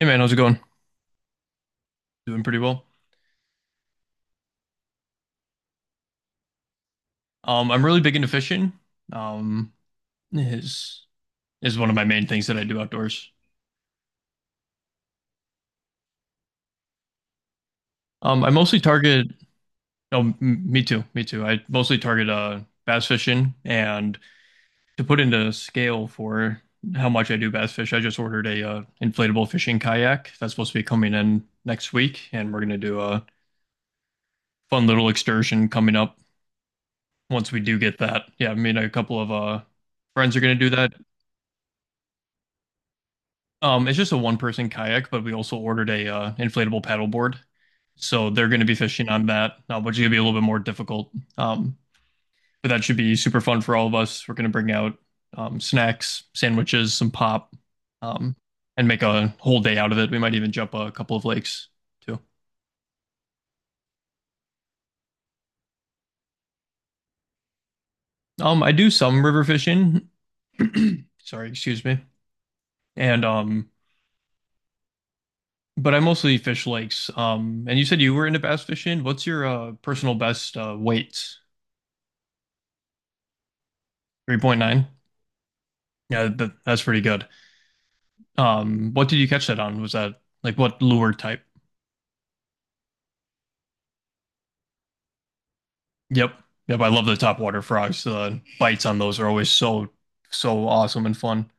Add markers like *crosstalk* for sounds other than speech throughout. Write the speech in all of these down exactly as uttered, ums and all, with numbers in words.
Hey man, how's it going? Doing pretty well. Um, I'm really big into fishing. Um, is is one of my main things that I do outdoors. Um, I mostly target. Oh, m me too, me too. I mostly target uh bass fishing, and to put into scale for how much I do bass fish, I just ordered a uh, inflatable fishing kayak that's supposed to be coming in next week, and we're gonna do a fun little excursion coming up once we do get that. Yeah, me and a couple of uh friends are gonna do that. Um, it's just a one person kayak, but we also ordered a uh, inflatable paddleboard, so they're going to be fishing on that, uh, which is going to be a little bit more difficult. Um, but that should be super fun for all of us. We're going to bring out um, snacks, sandwiches, some pop, um, and make a whole day out of it. We might even jump a couple of lakes too. Um, I do some river fishing. *clears throat* Sorry, excuse me. And um, but I mostly fish lakes. Um, and you said you were into bass fishing. What's your uh, personal best uh, weights? three point nine? Yeah, that, that's pretty good. Um, what did you catch that on? Was that like what lure type? Yep. Yep, I love the top water frogs. The bites on those are always so so awesome and fun.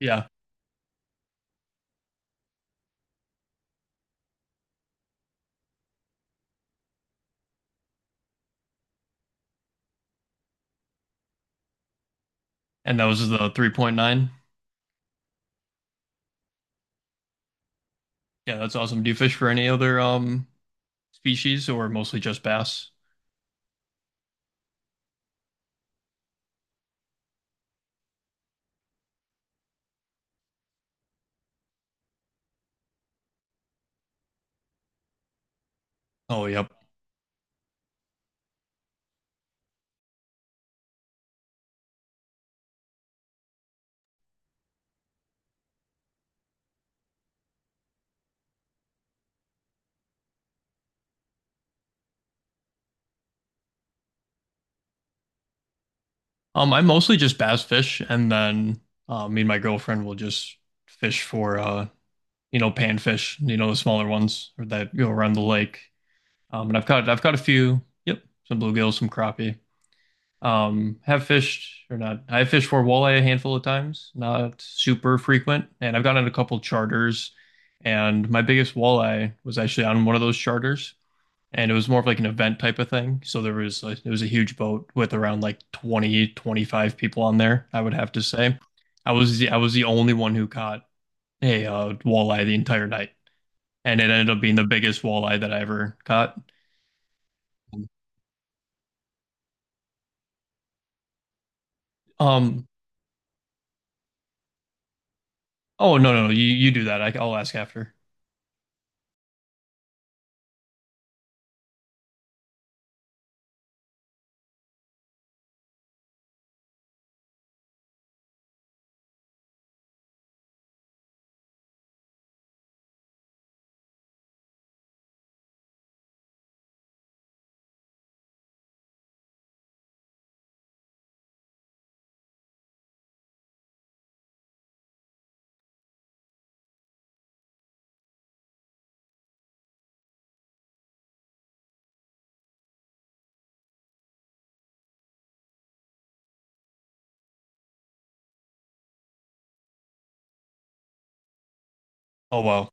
Yeah. And that was the three point nine. Yeah, that's awesome. Do you fish for any other um species or mostly just bass? Oh, yep. Um, I mostly just bass fish and then uh, me and my girlfriend will just fish for uh, you know, panfish, you know, the smaller ones that go around the lake. Um, and I've caught I've caught a few. Yep, some bluegills, some crappie. Um, have fished or not? I have fished for walleye a handful of times, not super frequent. And I've gotten a couple charters. And my biggest walleye was actually on one of those charters, and it was more of like an event type of thing. So there was like, it was a huge boat with around like twenty twenty five people on there. I would have to say, I was the, I was the only one who caught a uh, walleye the entire night, and it ended up being the biggest walleye that I ever caught. Um, Oh, no, no, no. You you do that. I, I'll ask after. Oh wow,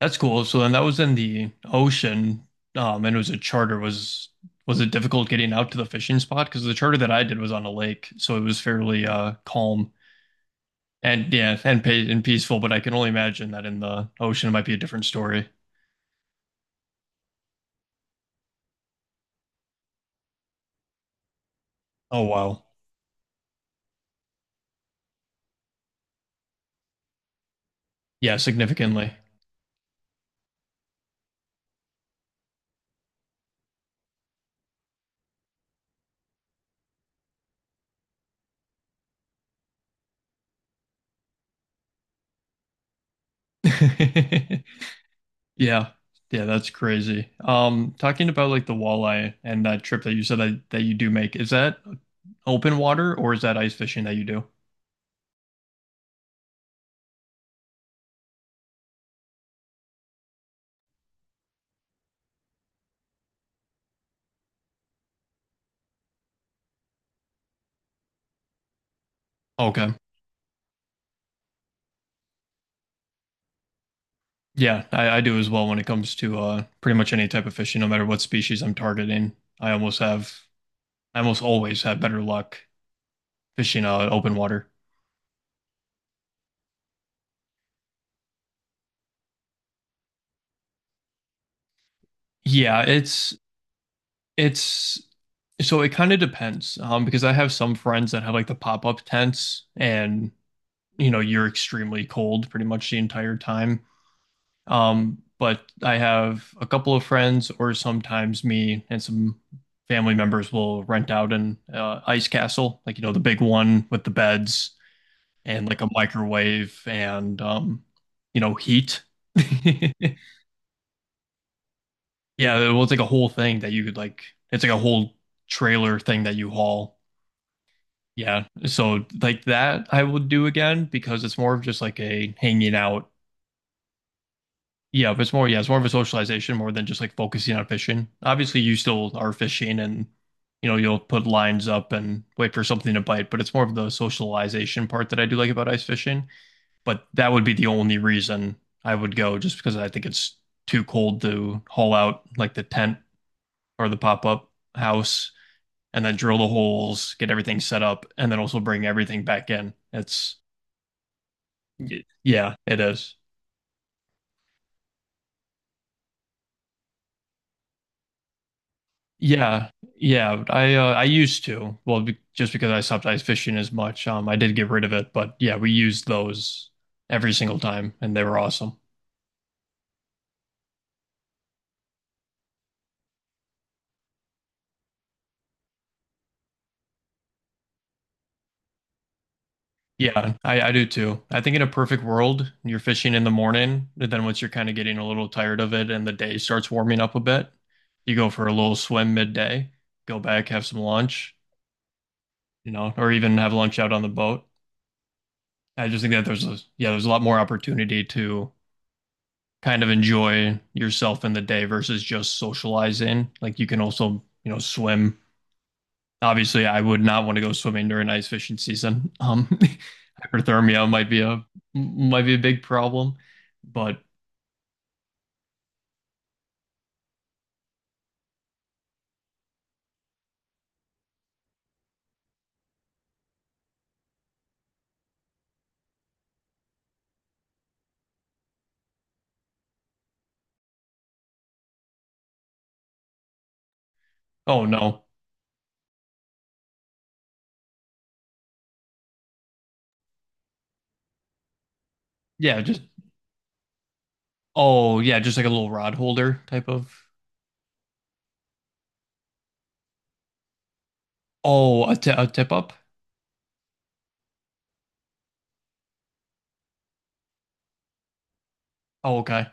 that's cool. So then that was in the ocean, um, and it was a charter. Was was it difficult getting out to the fishing spot? Because the charter that I did was on a lake, so it was fairly uh calm and yeah, and pa and peaceful. But I can only imagine that in the ocean it might be a different story. Oh wow, yeah, significantly. *laughs* Yeah. Yeah, that's crazy. Um, talking about like the walleye and that trip that you said that, that you do make, is that open water or is that ice fishing that you do? Okay. Yeah, I, I do as well when it comes to uh pretty much any type of fishing, no matter what species I'm targeting. I almost have I almost always have better luck fishing uh open water. Yeah, it's it's so it kind of depends. Um, because I have some friends that have like the pop-up tents and you know you're extremely cold pretty much the entire time. Um, but I have a couple of friends, or sometimes me and some family members will rent out an uh, ice castle, like you know the big one with the beds and like a microwave and um, you know heat. *laughs* Yeah, it was like a whole thing that you could like. It's like a whole trailer thing that you haul. Yeah, so like that I would do again because it's more of just like a hanging out. Yeah, but it's more, yeah, it's more of a socialization more than just like focusing on fishing. Obviously, you still are fishing and, you know, you'll put lines up and wait for something to bite, but it's more of the socialization part that I do like about ice fishing. But that would be the only reason I would go just because I think it's too cold to haul out like the tent or the pop-up house and then drill the holes, get everything set up, and then also bring everything back in. It's, y- yeah, it is. Yeah, yeah. I uh, I used to. Well, be just because I stopped ice fishing as much, um, I did get rid of it. But yeah, we used those every single time, and they were awesome. Yeah, I I do too. I think in a perfect world, you're fishing in the morning, and then once you're kind of getting a little tired of it, and the day starts warming up a bit, you go for a little swim midday, go back, have some lunch, you know, or even have lunch out on the boat. I just think that there's a Yeah, there's a lot more opportunity to kind of enjoy yourself in the day versus just socializing. Like you can also, you know, swim. Obviously, I would not want to go swimming during ice fishing season. Um, *laughs* hyperthermia might be a might be a big problem, but oh no, yeah, just oh yeah, just like a little rod holder type of. Oh a, t- a tip up. Oh okay,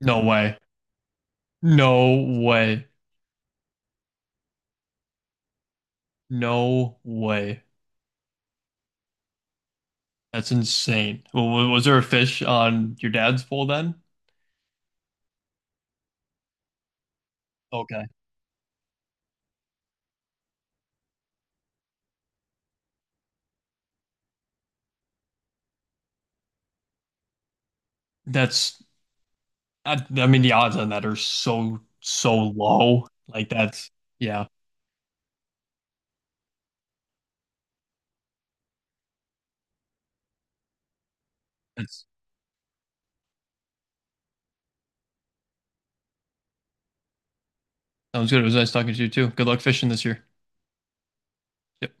no way, no way, no way. That's insane. W- Was there a fish on your dad's pole then? Okay, that's I, I mean, the odds on that are so, so low. Like that's, yeah, that's, sounds good. It was nice talking to you too. Good luck fishing this year. Yep.